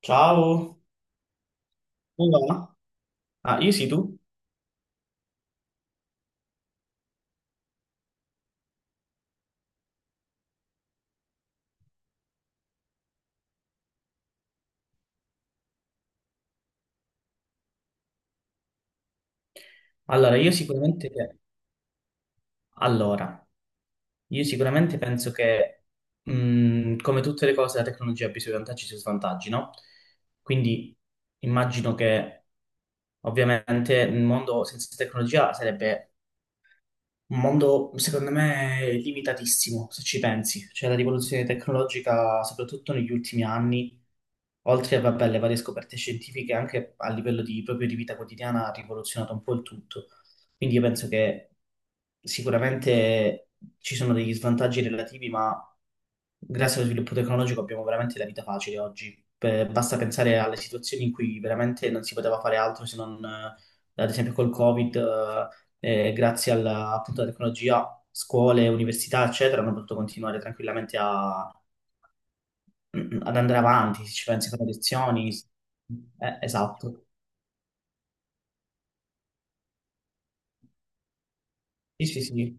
Ciao, come va? Ah, io sì, tu? Allora, io sicuramente, allora, io sicuramente penso che, come tutte le cose, la tecnologia abbia i suoi vantaggi e i suoi svantaggi, no? Quindi immagino che, ovviamente, il mondo senza tecnologia sarebbe un mondo, secondo me, limitatissimo, se ci pensi. Cioè, la rivoluzione tecnologica, soprattutto negli ultimi anni, oltre a, vabbè, le varie scoperte scientifiche, anche a livello di, proprio di vita quotidiana, ha rivoluzionato un po' il tutto. Quindi io penso che sicuramente ci sono degli svantaggi relativi, ma grazie allo sviluppo tecnologico abbiamo veramente la vita facile oggi. Per- basta pensare alle situazioni in cui veramente non si poteva fare altro se non, ad esempio, col Covid. Grazie alla, appunto, alla tecnologia, scuole, università, eccetera, hanno potuto continuare tranquillamente a- ad andare avanti, se ci pensi con le lezioni. Esatto. Sì, sì, sì,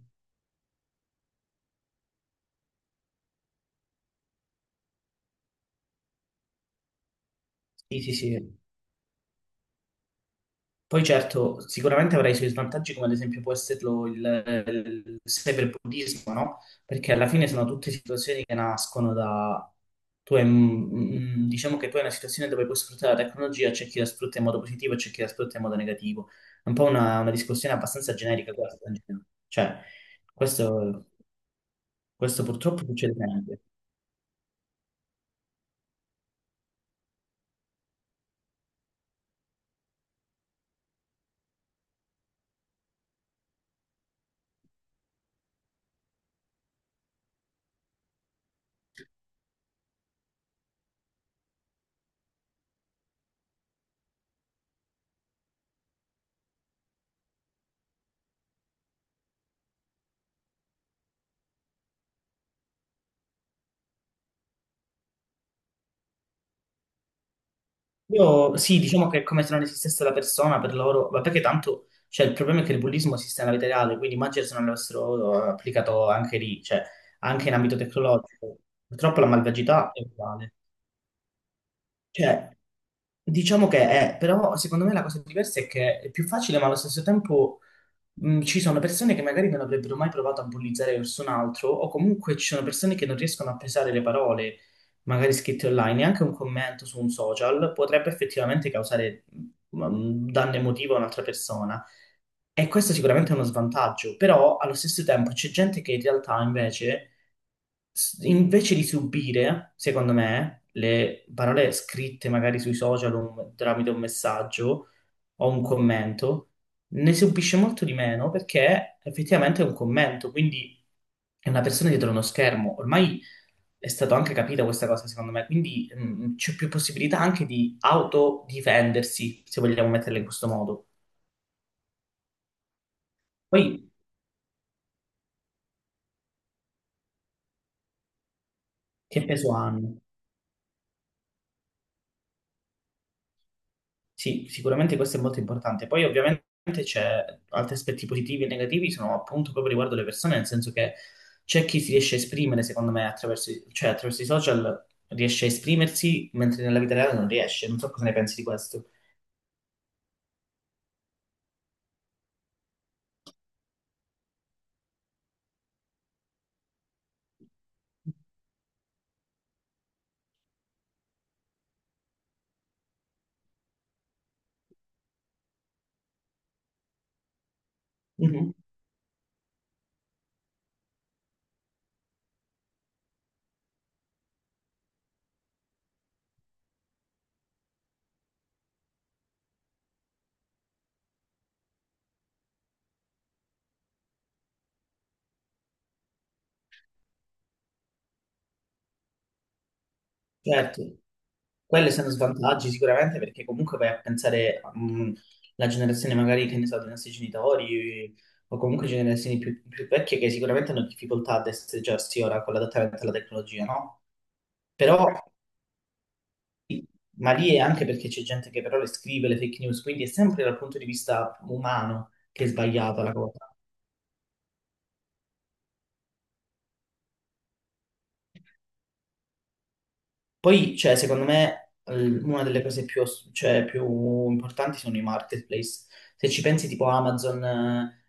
sì, sì, sì. Poi certo, sicuramente avrà i suoi svantaggi, come ad esempio può esserlo il cyberbullismo, no? Perché alla fine sono tutte situazioni che nascono da... Tu hai, un- diciamo che tu hai una situazione dove puoi sfruttare la tecnologia, c'è chi la sfrutta in modo positivo e c'è chi la sfrutta in modo negativo. È un po' una discussione abbastanza generica questa. In generale. Cioè, questo, questo purtroppo succede sempre. Io sì, diciamo che è come se non esistesse la persona per loro, ma perché tanto, cioè il problema è che il bullismo esiste nella vita reale, quindi immagino se non l'avessero applicato anche lì, cioè anche in ambito tecnologico. Purtroppo la malvagità è uguale. Cioè, diciamo che è, però secondo me la cosa diversa è che è più facile, ma allo stesso tempo ci sono persone che magari non avrebbero mai provato a bullizzare verso un altro, o comunque ci sono persone che non riescono a pesare le parole, magari scritte online, e anche un commento su un social potrebbe effettivamente causare un danno emotivo a un'altra persona. E questo sicuramente è uno svantaggio, però allo stesso tempo c'è gente che in realtà invece s- invece di subire, secondo me, le parole scritte magari sui social o un- tramite un messaggio o un commento, ne subisce molto di meno perché effettivamente è un commento, quindi è una persona dietro uno schermo. Ormai è stato anche capita questa cosa, secondo me, quindi c'è più possibilità anche di autodifendersi, se vogliamo metterla in questo modo. Poi, che peso hanno? Sì, sicuramente questo è molto importante. Poi ovviamente c'è altri aspetti positivi e negativi, sono appunto proprio riguardo le persone, nel senso che c'è chi si riesce a esprimere, secondo me, attraverso, i- cioè, attraverso i social riesce a esprimersi, mentre nella vita reale non riesce. Non so cosa ne pensi di questo. Mhm. Certo, quelli sono svantaggi sicuramente perché comunque vai a pensare alla generazione magari che ne so, dei nostri genitori o comunque generazioni più vecchie che sicuramente hanno difficoltà ad essere già ora con l'adattamento alla tecnologia, no? Però, ma lì è anche perché c'è gente che però le scrive le fake news, quindi è sempre dal punto di vista umano che è sbagliata la cosa. Poi, cioè, secondo me, l- una delle cose più, ass- cioè, più importanti sono i marketplace. Se ci pensi, tipo Amazon,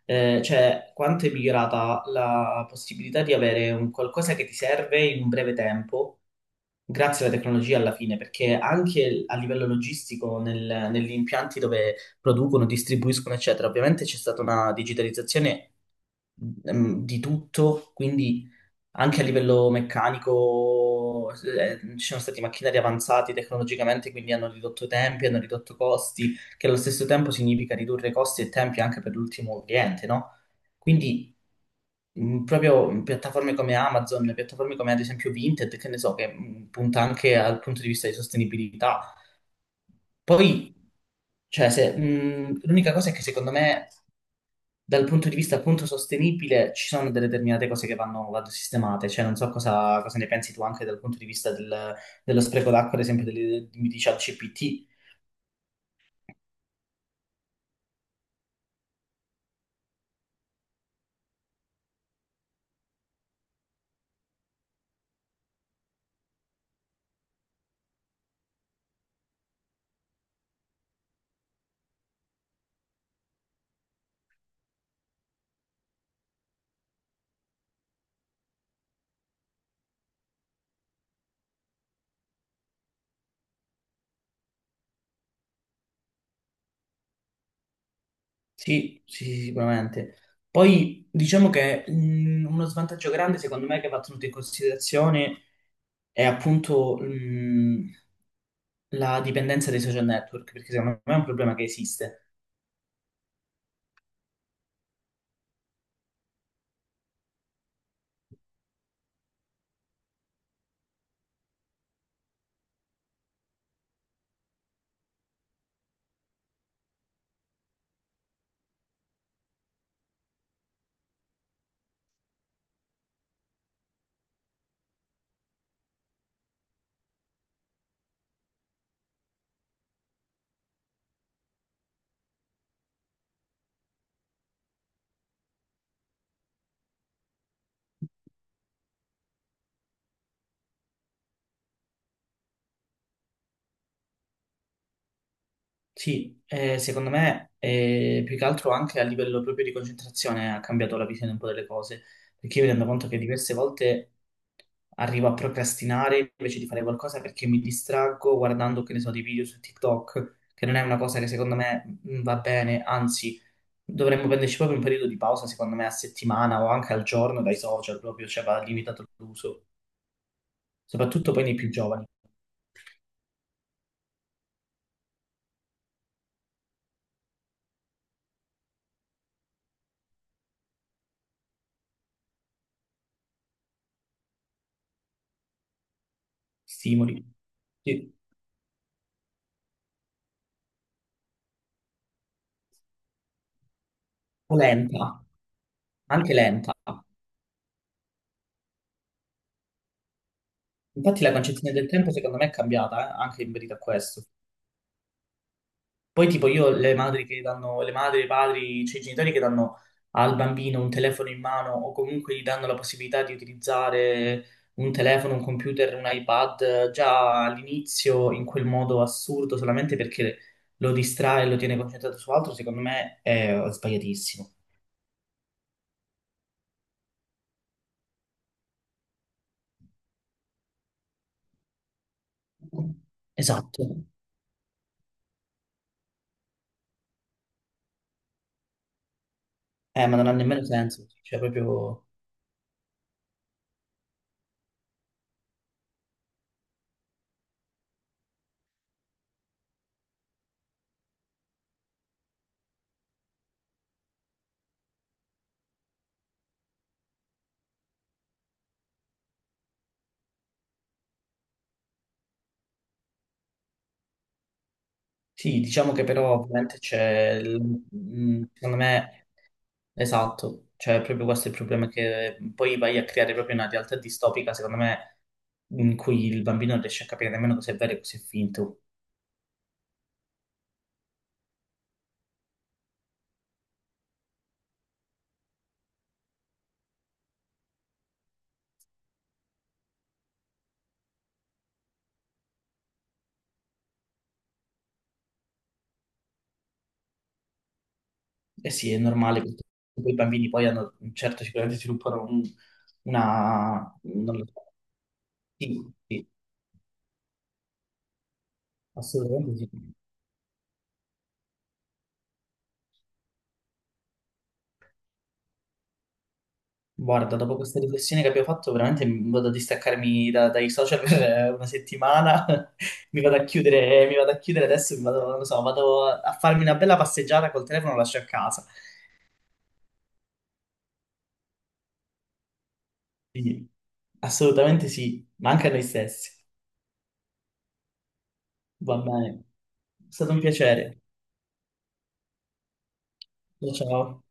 cioè, quanto è migliorata la possibilità di avere un qualcosa che ti serve in un breve tempo, grazie alla tecnologia alla fine, perché anche a livello logistico, nel- negli impianti dove producono, distribuiscono, eccetera, ovviamente c'è stata una digitalizzazione di tutto, quindi anche a livello meccanico, ci sono stati macchinari avanzati tecnologicamente, quindi hanno ridotto tempi, hanno ridotto costi, che allo stesso tempo significa ridurre costi e tempi anche per l'ultimo cliente, no? Quindi proprio piattaforme come Amazon, piattaforme come ad esempio Vinted, che ne so, che punta anche al punto di vista di sostenibilità. Poi, cioè, se, l'unica cosa è che secondo me dal punto di vista appunto sostenibile ci sono delle determinate cose che vanno sistemate, cioè non so cosa ne pensi tu anche dal punto di vista del- dello spreco d'acqua, ad esempio delle- di ChatGPT. Sì, sì, sì, sicuramente. Poi diciamo che uno svantaggio grande secondo me che va tenuto in considerazione è appunto la dipendenza dai social network, perché secondo me è un problema che esiste. Sì, secondo me più che altro anche a livello proprio di concentrazione ha cambiato la visione un po' delle cose, perché io mi rendo conto che diverse volte arrivo a procrastinare invece di fare qualcosa perché mi distraggo guardando, che ne so, dei video su TikTok, che non è una cosa che secondo me va bene, anzi dovremmo prenderci proprio un periodo di pausa, secondo me a settimana o anche al giorno dai social proprio, cioè va limitato l'uso, soprattutto poi nei più giovani, stimoli, sì, o lenta, anche lenta. Infatti la concezione del tempo secondo me è cambiata, anche in merito a questo. Poi tipo io le madri che danno, le madri, i padri, cioè i genitori che danno al bambino un telefono in mano o comunque gli danno la possibilità di utilizzare un telefono, un computer, un iPad già all'inizio in quel modo assurdo solamente perché lo distrae e lo tiene concentrato su altro, secondo me è sbagliatissimo. Esatto. Ma non ha nemmeno senso, cioè proprio... Sì, diciamo che però ovviamente c'è, il- secondo me, esatto, cioè proprio questo è il problema che poi vai a creare proprio una realtà distopica, secondo me, in cui il bambino non riesce a capire nemmeno cosa è vero e cosa è finto. E sì, è normale, perché poi i bambini poi hanno, certo, sicuramente sviluppano un- una... non lo so. Sì, sì, assolutamente sì. Guarda, dopo questa riflessione che abbiamo fatto, veramente mi vado a distaccarmi da- dai social per una settimana, mi vado a chiudere, mi vado a chiudere adesso, mi vado, non lo so, vado a farmi una bella passeggiata col telefono, lo lascio a casa. Quindi, assolutamente sì, ma anche a noi stessi. Va bene, è stato un piacere. Ciao. Ciao.